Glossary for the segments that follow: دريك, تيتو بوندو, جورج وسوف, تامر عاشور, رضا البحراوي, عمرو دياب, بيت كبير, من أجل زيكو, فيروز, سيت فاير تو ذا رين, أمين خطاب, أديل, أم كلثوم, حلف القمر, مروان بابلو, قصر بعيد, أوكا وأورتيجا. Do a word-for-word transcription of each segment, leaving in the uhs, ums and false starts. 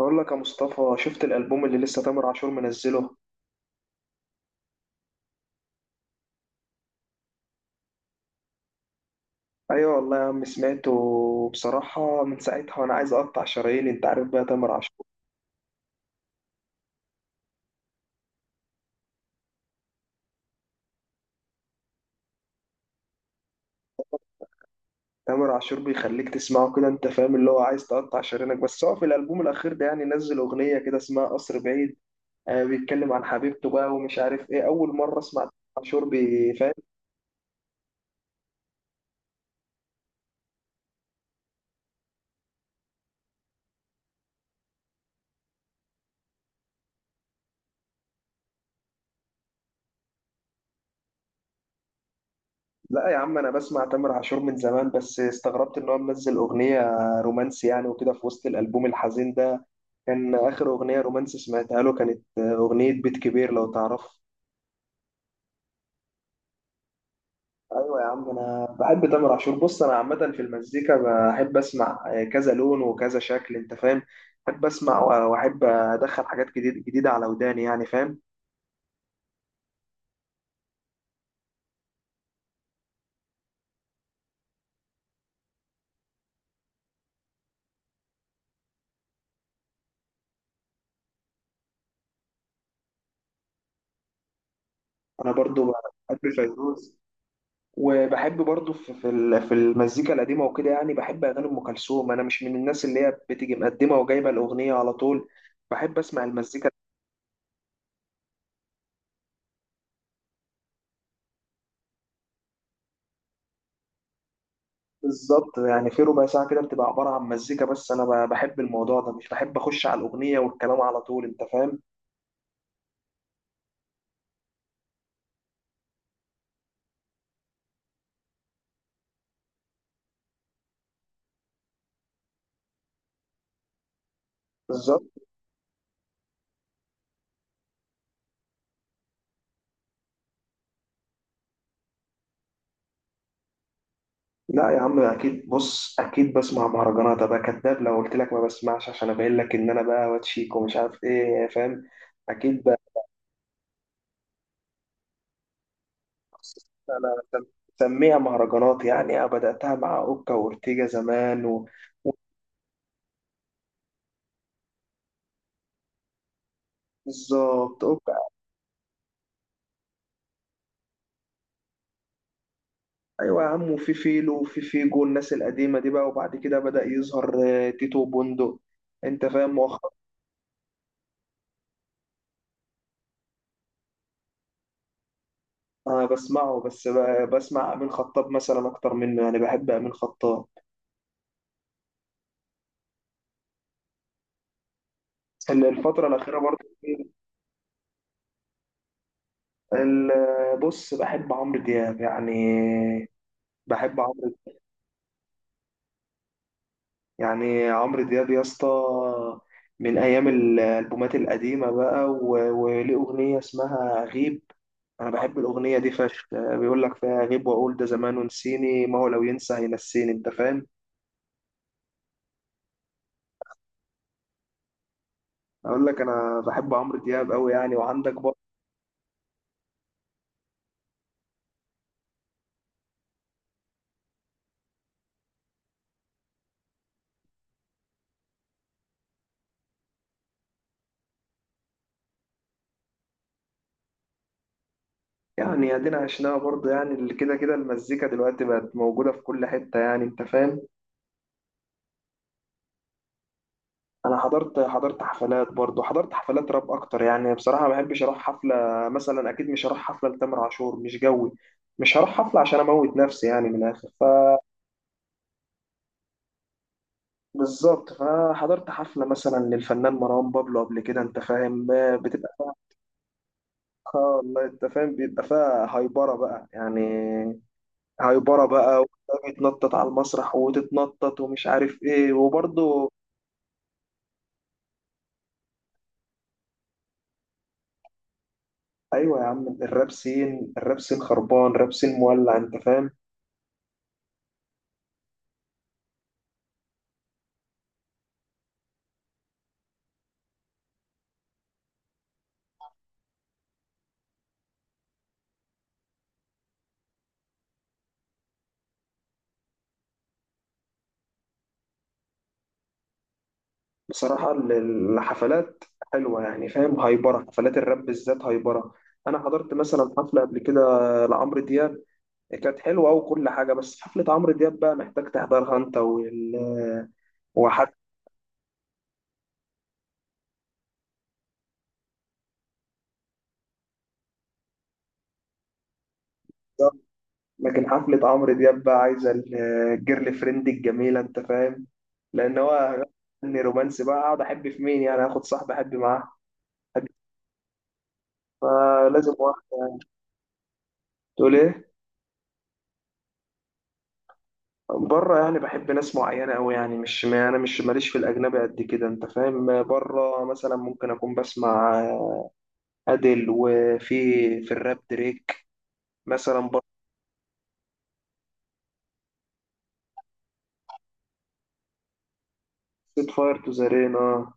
بقول لك يا مصطفى، شفت الألبوم اللي لسه تامر عاشور منزله؟ ايوه والله يا عم، سمعته بصراحة من ساعتها وانا عايز اقطع شراييني. انت عارف بقى تامر عاشور، تامر عاشور بيخليك تسمعه كده، انت فاهم، اللي هو عايز تقطع شرايينك. بس هو في الألبوم الأخير ده يعني نزل أغنية كده اسمها قصر بعيد. آه، بيتكلم عن حبيبته بقى ومش عارف ايه. أول مرة اسمع تامر عاشور بيفهم. لا يا عم، انا بسمع تامر عاشور من زمان، بس استغربت ان هو منزل أغنية رومانسي يعني، وكده في وسط الألبوم الحزين ده. كان آخر أغنية رومانسي سمعتها له كانت آه، أغنية بيت كبير، لو تعرف. أيوة يا عم، أنا بحب تامر عاشور. بص، أنا عامة في المزيكا بحب أسمع آه، كذا لون وكذا شكل، أنت فاهم. بحب أسمع و- وأحب أدخل حاجات جديد جديدة على وداني يعني، فاهم. أنا برضو بحب فيروز، وبحب برضو في في ال- في المزيكا القديمة وكده يعني. بحب أغاني أم كلثوم. أنا مش من الناس اللي هي بتيجي مقدمة وجايبة الأغنية على طول، بحب أسمع المزيكا. بالظبط، يعني في ربع ساعة كده بتبقى عبارة عن مزيكا بس. أنا ب- بحب الموضوع ده، مش بحب أخش على الأغنية والكلام على طول، أنت فاهم؟ بالظبط. لا يا عم، أكيد. بص، أكيد بسمع مهرجانات. أبقى كداب لو قلت لك ما بسمعش، عشان أبين لك إن أنا بقى واتشيك ومش عارف إيه، فاهم؟ أكيد بقى. أنا سم- سميها مهرجانات يعني، أنا بدأتها مع أوكا وأورتيجا زمان و... بالظبط، أوكا. أيوة يا عم، وفي فيلو وفي فيجو، الناس القديمة دي بقى، وبعد كده بدأ يظهر آه، تيتو بوندو، أنت فاهم، مؤخرا. أنا بسمعه، بس ب- بسمع أمين خطاب مثلا أكتر منه يعني، بحب أمين خطاب ال- الفترة الأخيرة برضه. ال- بص، بحب عمرو دياب يعني، بحب عمرو. يعني عمرو دياب يا اسطى، من أيام الألبومات القديمة بقى، و- وليه أغنية اسمها غيب. أنا بحب الأغنية دي فشخ، بيقول لك فيها غيب، وأقول ده زمان ونسيني، ما هو لو ينسى هينسيني، أنت فاهم؟ أقول لك، أنا بحب عمرو دياب أوي يعني. وعندك برضه، يعني ادينا عشناها برضه يعني، اللي كده كده المزيكا دلوقتي بقت موجودة في كل حتة يعني، انت فاهم. انا حضرت حضرت حفلات برضه، حضرت حفلات راب اكتر يعني. بصراحة ما بحبش اروح حفلة. مثلا اكيد مش هروح حفلة لتامر عاشور، مش جوي. مش هروح حفلة عشان اموت نفسي يعني، من الاخر، ف بالظبط. فحضرت حفلة مثلا للفنان مروان بابلو قبل كده، انت فاهم، آه، بتبقى فيها. آه والله، انت فاهم، بيبقى فيها هايبرة بقى يعني، هيبره بقى. وده بيتنطط على المسرح، وتتنطط ومش عارف ايه، وبرضه. ايوه يا عم، الراب سين، الراب سين خربان، راب سين مولع، انت فاهم. بصراحه ال- الحفلات حلوه يعني، فاهم. هايبره. حفلات الراب بالذات هايبره. انا حضرت مثلا حفله قبل كده لعمرو دياب، كانت حلوه وكل حاجه. بس حفله عمرو دياب بقى محتاج تحضرها انت وال وحد. لكن حفلة عمرو دياب بقى عايزة ال- الجيرل فريند الجميلة، أنت فاهم. لأن هو فني رومانسي بقى. أقعد أحب في مين يعني؟ آخد صاحب أحب معاه؟ أحب- فلازم واحد. تقول إيه؟ بره يعني بحب ناس معينة أوي يعني، مش، ما أنا مش ماليش في الأجنبي قد كده، أنت فاهم. بره مثلا ممكن أكون بسمع أديل، وفي في الراب دريك مثلا بره. سيت فاير تو ذا رين، آه.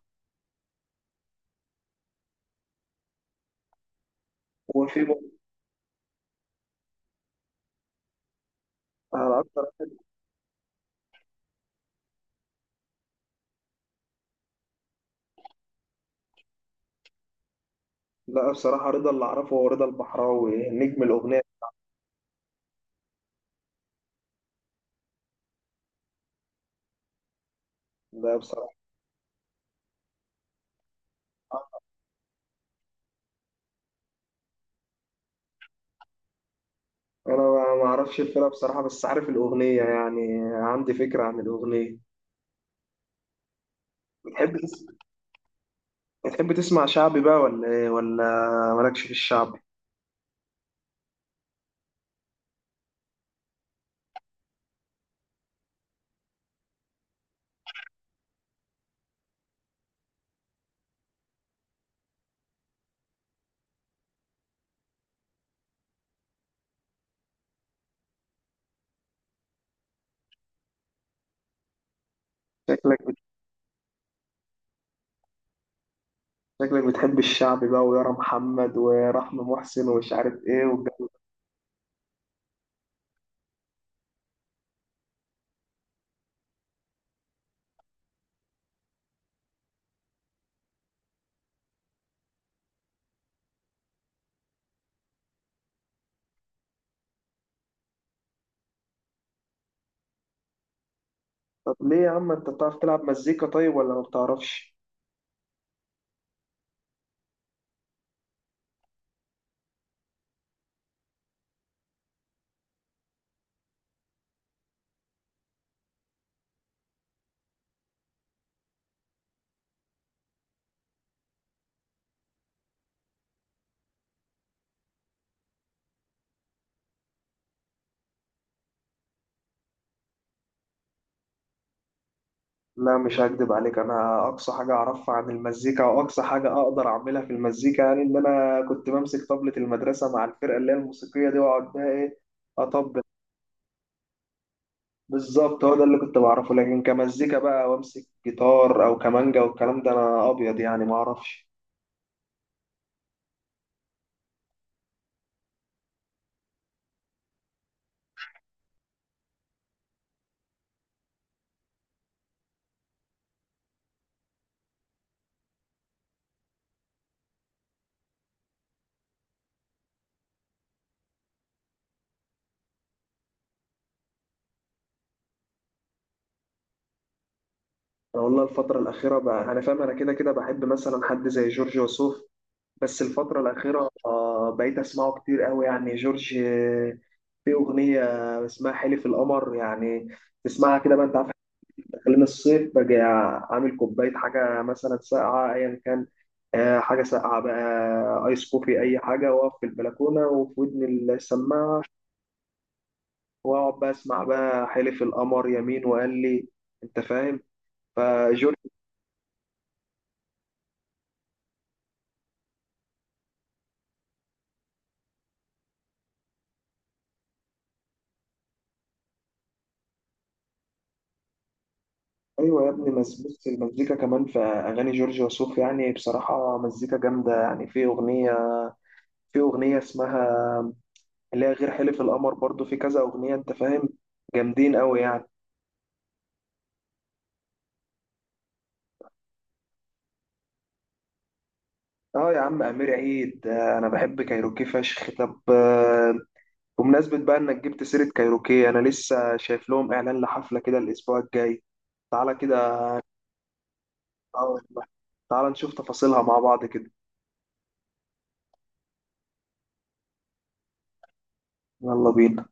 وفي بقى- أنا أكتر واحد- لا بصراحة، رضا اللي أعرفه هو رضا البحراوي، نجم الأغنية. ده بصراحة انا ما ما اعرفش الفرقه بصراحه، بس عارف الاغنيه يعني، عندي فكره عن الاغنيه. بتحب تس... بتحب تسمع شعبي بقى ولا ايه، ولا مالكش في الشعبي؟ شكلك شكلك بتحب الشعبي بقى، ويارا محمد ورحمه محسن ومش عارف ايه والجو. طب ليه يا عم، انت بتعرف تلعب مزيكا طيب ولا ما بتعرفش؟ لا مش هكدب عليك، انا اقصى حاجه اعرفها عن المزيكا او اقصى حاجه اقدر اعملها في المزيكا يعني ان انا كنت بمسك طبلة المدرسه مع الفرقه اللي هي الموسيقيه دي، واقعد بقى ايه، اطبل. بالظبط، هو ده اللي كنت بعرفه. لكن كمزيكا بقى وامسك جيتار او كمانجا والكلام ده، انا ابيض يعني، ما اعرفش. انا والله الفتره الاخيره بقى، انا فاهم انا كده كده بحب مثلا حد زي جورج وسوف، بس الفتره الاخيره آه، بقيت اسمعه كتير قوي يعني. جورج، آه، في اغنيه اسمها حلف القمر يعني، تسمعها كده بقى. انت عارف إحنا داخلين الصيف، باجي عامل كوبايه حاجه مثلا ساقعه، ايا كان، آه، حاجه ساقعه بقى، آه، ايس كوفي، اي حاجه، واقف في البلكونه وفي ودني السماعه، واقعد بقى اسمع بقى حلف القمر يمين وقال لي، انت فاهم. فجورج. ايوه يا ابني، بس بص، المزيكا كمان في اغاني جورج وسوف يعني بصراحه مزيكا جامده يعني. في اغنيه في اغنيه اسمها، اللي هي غير حلف القمر، برضو في كذا اغنيه، انت فاهم، جامدين قوي يعني. اه يا عم، امير عيد، آه، انا بحب كايروكي فشخ. طب، آه، بمناسبه بقى انك جبت سيره كايروكي، انا لسه شايف لهم اعلان لحفله كده الاسبوع الجاي، تعالى كده. اه والله. تعال نشوف تفاصيلها مع بعض كده. يلا بينا.